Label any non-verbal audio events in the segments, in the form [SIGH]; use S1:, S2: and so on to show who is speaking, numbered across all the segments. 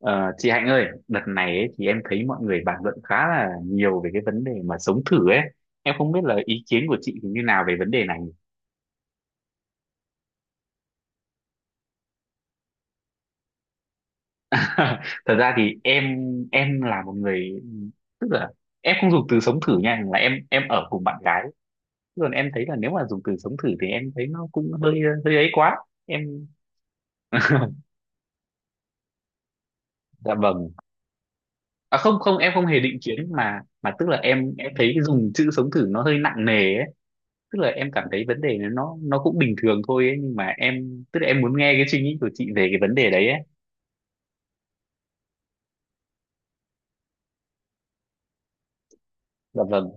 S1: Ờ, chị Hạnh ơi, đợt này ấy, thì em thấy mọi người bàn luận khá là nhiều về cái vấn đề mà sống thử ấy. Em không biết là ý kiến của chị thì như nào về vấn đề này. [LAUGHS] Thật ra thì em là một người tức là em không dùng từ sống thử nha, là em ở cùng bạn gái. Còn em thấy là nếu mà dùng từ sống thử thì em thấy nó cũng hơi hơi ấy quá. Em dạ vâng. À, không không, em không hề định kiến mà tức là em thấy cái dùng chữ sống thử nó hơi nặng nề ấy, tức là em cảm thấy vấn đề nó cũng bình thường thôi ấy, nhưng mà em tức là em muốn nghe cái suy nghĩ của chị về cái vấn đề đấy ấy. Dạ vâng,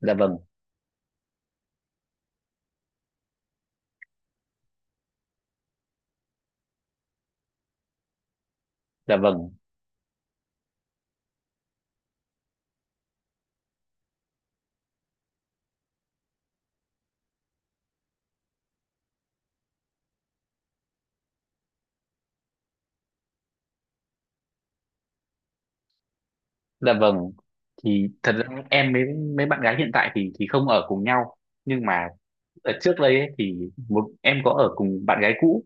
S1: dạ vâng, dạ vâng, dạ vâng. Thì thật ra em với mấy bạn gái hiện tại thì không ở cùng nhau, nhưng mà ở trước đây ấy, thì một em có ở cùng bạn gái cũ,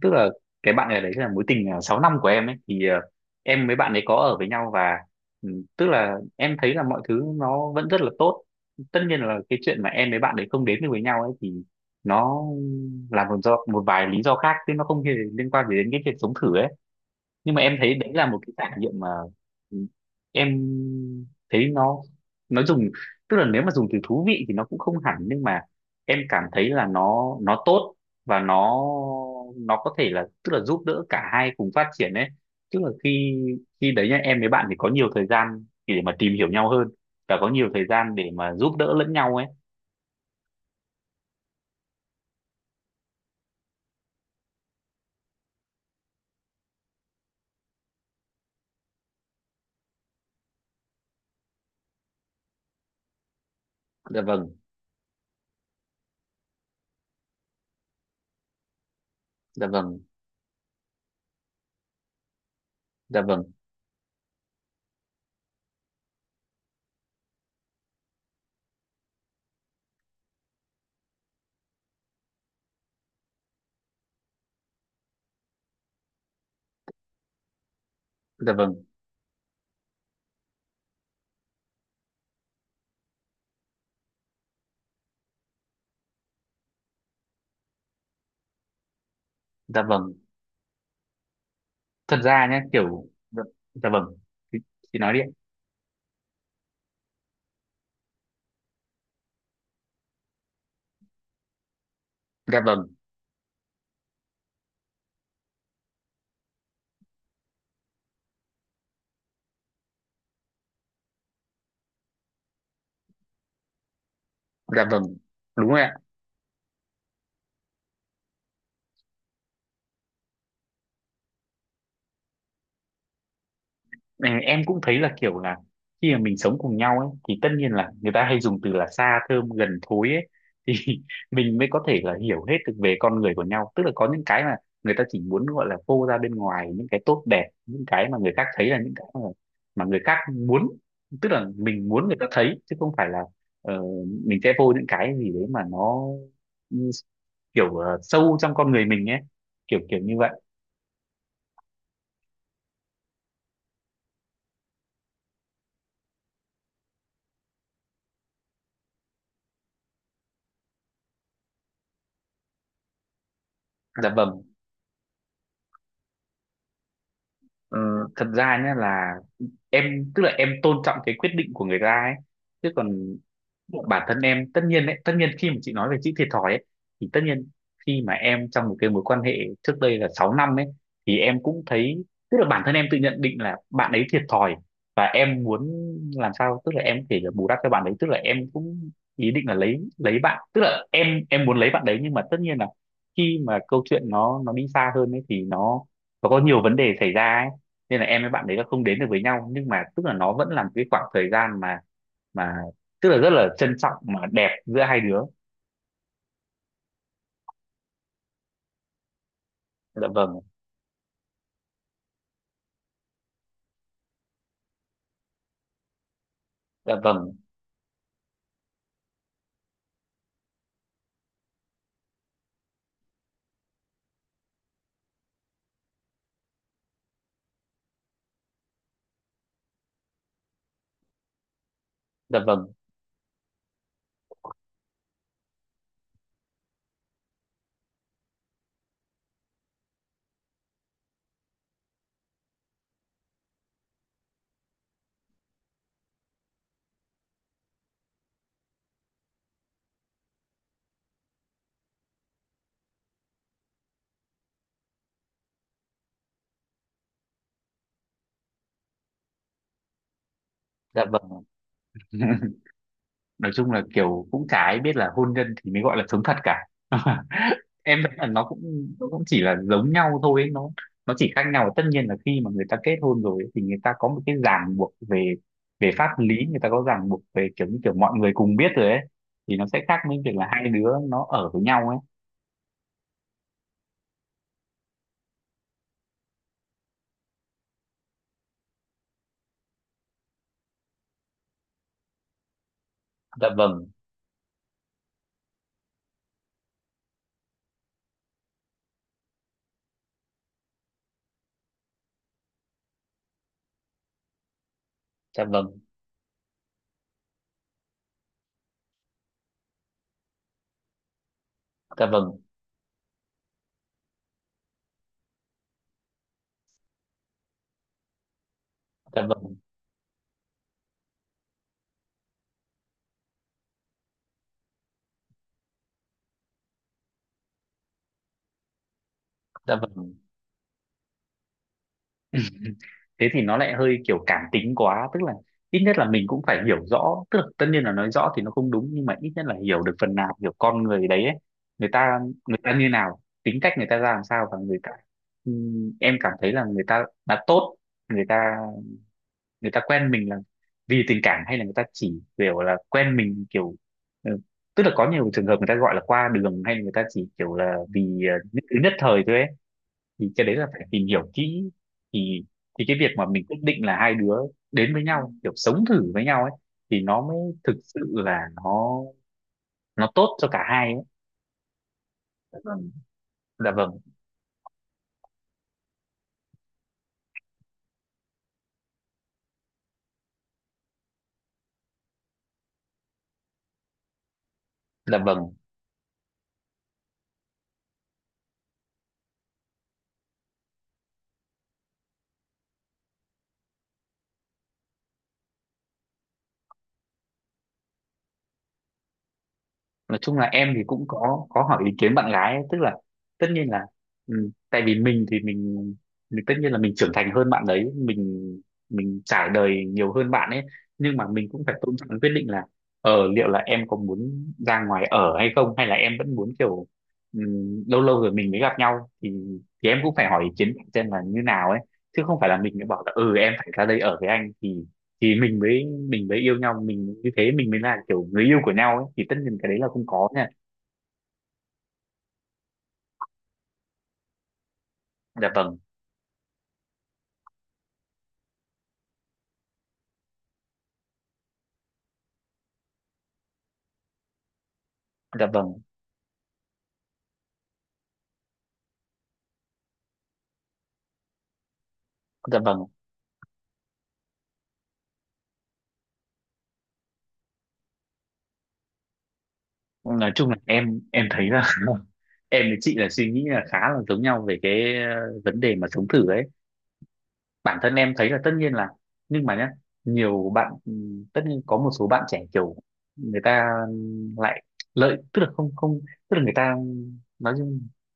S1: tức là cái bạn này đấy là mối tình 6 năm của em ấy thì em với bạn ấy có ở với nhau, và ừ, tức là em thấy là mọi thứ nó vẫn rất là tốt. Tất nhiên là cái chuyện mà em với bạn ấy không đến được với nhau ấy thì nó là một do một vài lý do khác, chứ nó không hề liên quan gì đến cái chuyện sống thử ấy. Nhưng mà em thấy đấy là một cái trải nghiệm mà em thấy nó dùng, tức là nếu mà dùng từ thú vị thì nó cũng không hẳn, nhưng mà em cảm thấy là nó tốt, và nó có thể là tức là giúp đỡ cả hai cùng phát triển ấy, tức là khi khi đấy nhá, em với bạn thì có nhiều thời gian để mà tìm hiểu nhau hơn, và có nhiều thời gian để mà giúp đỡ lẫn nhau ấy. Dạ vâng, dạ vâng, dạ vâng, dạ vâng, dạ vâng. Thật ra nhá, kiểu dạ, dạ vâng, chị chị nói đi ạ. Dạ vâng. Dạ vâng, đúng rồi ạ. Ừ, em cũng thấy là kiểu là khi mà mình sống cùng nhau ấy thì tất nhiên là người ta hay dùng từ là xa thơm gần thối ấy. [LAUGHS] Thì mình mới có thể là hiểu hết được về con người của nhau. Tức là có những cái mà người ta chỉ muốn gọi là phô ra bên ngoài những cái tốt đẹp, những cái mà người khác thấy là những cái mà người khác muốn, tức là mình muốn người ta thấy, chứ không phải là ờ, mình sẽ phô những cái gì đấy mà nó ừ, kiểu sâu trong con người mình ấy, kiểu kiểu như vậy. Dạ vâng. Ờ, Thật ra nhé là em, tức là em tôn trọng cái quyết định của người ta ấy, chứ còn bản thân em tất nhiên đấy, tất nhiên khi mà chị nói về chữ thiệt thòi ấy thì tất nhiên khi mà em trong một cái mối quan hệ trước đây là 6 năm ấy, thì em cũng thấy, tức là bản thân em tự nhận định là bạn ấy thiệt thòi, và em muốn làm sao tức là em có thể là bù đắp cho bạn ấy, tức là em cũng ý định là lấy bạn, tức là em muốn lấy bạn đấy, nhưng mà tất nhiên là khi mà câu chuyện nó đi xa hơn ấy thì nó có nhiều vấn đề xảy ra ấy, nên là em với bạn đấy là không đến được với nhau, nhưng mà tức là nó vẫn là một cái khoảng thời gian mà tức là rất là trân trọng mà đẹp giữa hai đứa. Dạ vâng, dạ vâng, dạ vâng, dạ vâng. [LAUGHS] Nói chung là kiểu cũng chả ai biết là hôn nhân thì mới gọi là sống thật cả. [LAUGHS] Em thấy là nó cũng chỉ là giống nhau thôi ấy. nó chỉ khác nhau tất nhiên là khi mà người ta kết hôn rồi ấy, thì người ta có một cái ràng buộc về về pháp lý, người ta có ràng buộc về kiểu như kiểu mọi người cùng biết rồi ấy, thì nó sẽ khác với việc là hai đứa nó ở với nhau ấy. Dạ vâng, dạ vâng, dạ vâng, dạ vâng, dạ vâng. [LAUGHS] Thế thì nó lại hơi kiểu cảm tính quá, tức là ít nhất là mình cũng phải hiểu rõ, tức là tất nhiên là nói rõ thì nó không đúng, nhưng mà ít nhất là hiểu được phần nào, hiểu con người đấy ấy. người ta người ta như nào, tính cách người ta ra làm sao, và người ta em cảm thấy là người ta là tốt, người ta người ta quen mình là vì tình cảm, hay là người ta chỉ kiểu là quen mình kiểu ừ, tức là có nhiều trường hợp người ta gọi là qua đường, hay là người ta chỉ kiểu là vì nhất thời thôi ấy, thì cái đấy là phải tìm hiểu kỹ, thì thì cái việc mà mình quyết định là hai đứa đến với nhau kiểu sống thử với nhau ấy, thì nó mới thực sự là nó tốt cho cả hai ấy. Dạ vâng. Dạ vâng, dạ vâng. Nói chung là em thì cũng có hỏi ý kiến bạn gái ấy, tức là tất nhiên là tại vì mình thì mình tất nhiên là mình trưởng thành hơn bạn đấy, mình trải đời nhiều hơn bạn ấy, nhưng mà mình cũng phải tôn trọng cái quyết định là liệu là em có muốn ra ngoài ở hay không, hay là em vẫn muốn kiểu ừ, lâu lâu rồi mình mới gặp nhau, thì em cũng phải hỏi ý kiến xem là như nào ấy, chứ không phải là mình mới bảo là ừ em phải ra đây ở với anh, thì thì mình mới yêu nhau mình như thế mình mới là kiểu người yêu của nhau ấy, thì tất nhiên cái đấy là không có nha. Dạ vâng, dạ vâng, dạ vâng. Nói chung là em thấy là [LAUGHS] em với chị là suy nghĩ là khá là giống nhau về cái vấn đề mà sống thử ấy. Bản thân em thấy là tất nhiên là, nhưng mà nhá, nhiều bạn tất nhiên có một số bạn trẻ kiểu người ta lại lợi, tức là không không, tức là người ta, nói chung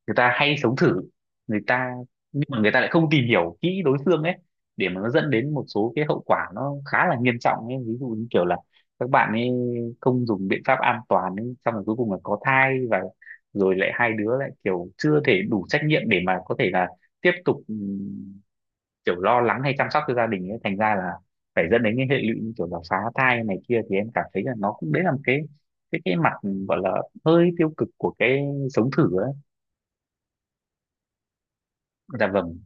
S1: người ta hay sống thử, người ta nhưng mà người ta lại không tìm hiểu kỹ đối phương ấy, để mà nó dẫn đến một số cái hậu quả nó khá là nghiêm trọng ấy, ví dụ như kiểu là các bạn ấy không dùng biện pháp an toàn ấy, xong rồi cuối cùng là có thai, và rồi lại hai đứa lại kiểu chưa thể đủ trách nhiệm để mà có thể là tiếp tục kiểu lo lắng hay chăm sóc cho gia đình ấy, thành ra là phải dẫn đến cái hệ lụy như kiểu là phá thai này kia, thì em cảm thấy là nó cũng đấy là một cái cái mặt gọi là hơi tiêu cực của cái sống thử ấy. Dạ vâng,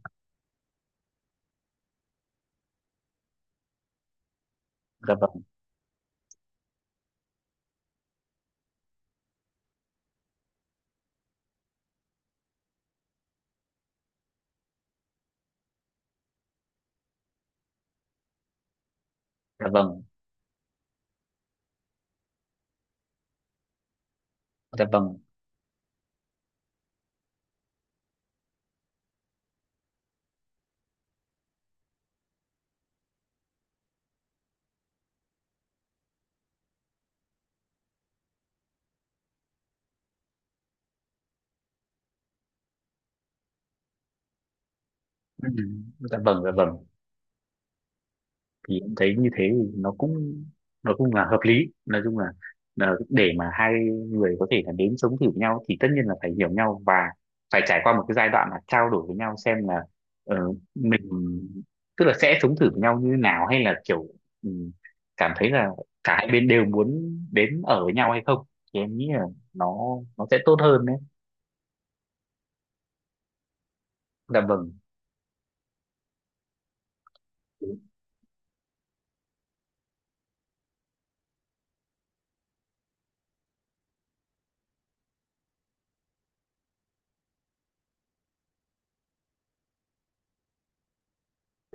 S1: dạ vâng, dạ vâng, dạ vâng, ừ, dạ vâng, dạ vâng. Thì em thấy như thế thì nó cũng là hợp lý, nói chung là để mà hai người có thể là đến sống thử nhau thì tất nhiên là phải hiểu nhau, và phải trải qua một cái giai đoạn là trao đổi với nhau xem là ờ, mình tức là sẽ sống thử với nhau như nào, hay là kiểu ừ, cảm thấy là cả hai bên đều muốn đến ở với nhau hay không, thì em nghĩ là nó nó sẽ tốt hơn đấy. Dạ vâng.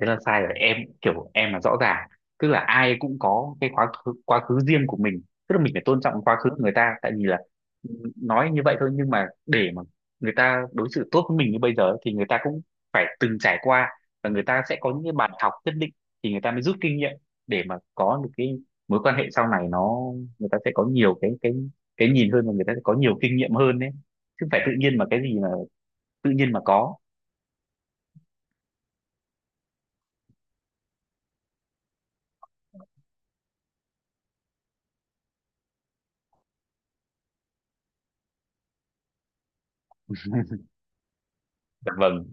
S1: Thế là sai rồi em, kiểu em là rõ ràng, tức là ai cũng có cái quá khứ riêng của mình, tức là mình phải tôn trọng quá khứ của người ta, tại vì là ừ, nói như vậy thôi, nhưng mà để mà người ta đối xử tốt với mình như bây giờ thì người ta cũng phải từng trải qua, và người ta sẽ có những cái bài học nhất định thì người ta mới rút kinh nghiệm để mà có được cái mối quan hệ sau này nó, người ta sẽ có nhiều cái nhìn hơn, và người ta sẽ có nhiều kinh nghiệm hơn đấy, chứ không phải tự nhiên mà cái gì mà tự nhiên mà có. [LAUGHS] Dạ vâng,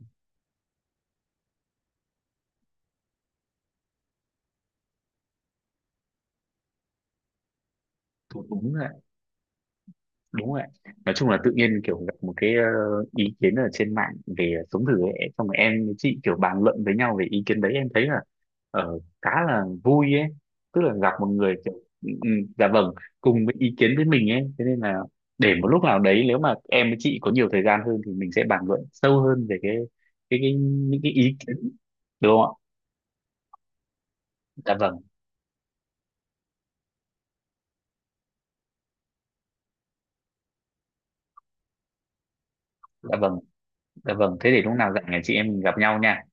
S1: đúng ạ. Đúng rồi ạ. Nói chung là tự nhiên kiểu gặp một cái ý kiến ở trên mạng về sống thử ấy, xong rồi em với chị kiểu bàn luận với nhau về ý kiến đấy, em thấy là khá là vui ấy, tức là gặp một người kiểu ừ, ừ, dạ vâng cùng với ý kiến với mình ấy, thế nên là để một lúc nào đấy nếu mà em với chị có nhiều thời gian hơn thì mình sẽ bàn luận sâu hơn về cái những cái ý kiến, đúng không ạ. Dạ vâng, dạ vâng, dạ vâng, thế để lúc nào rảnh là chị em mình gặp nhau nha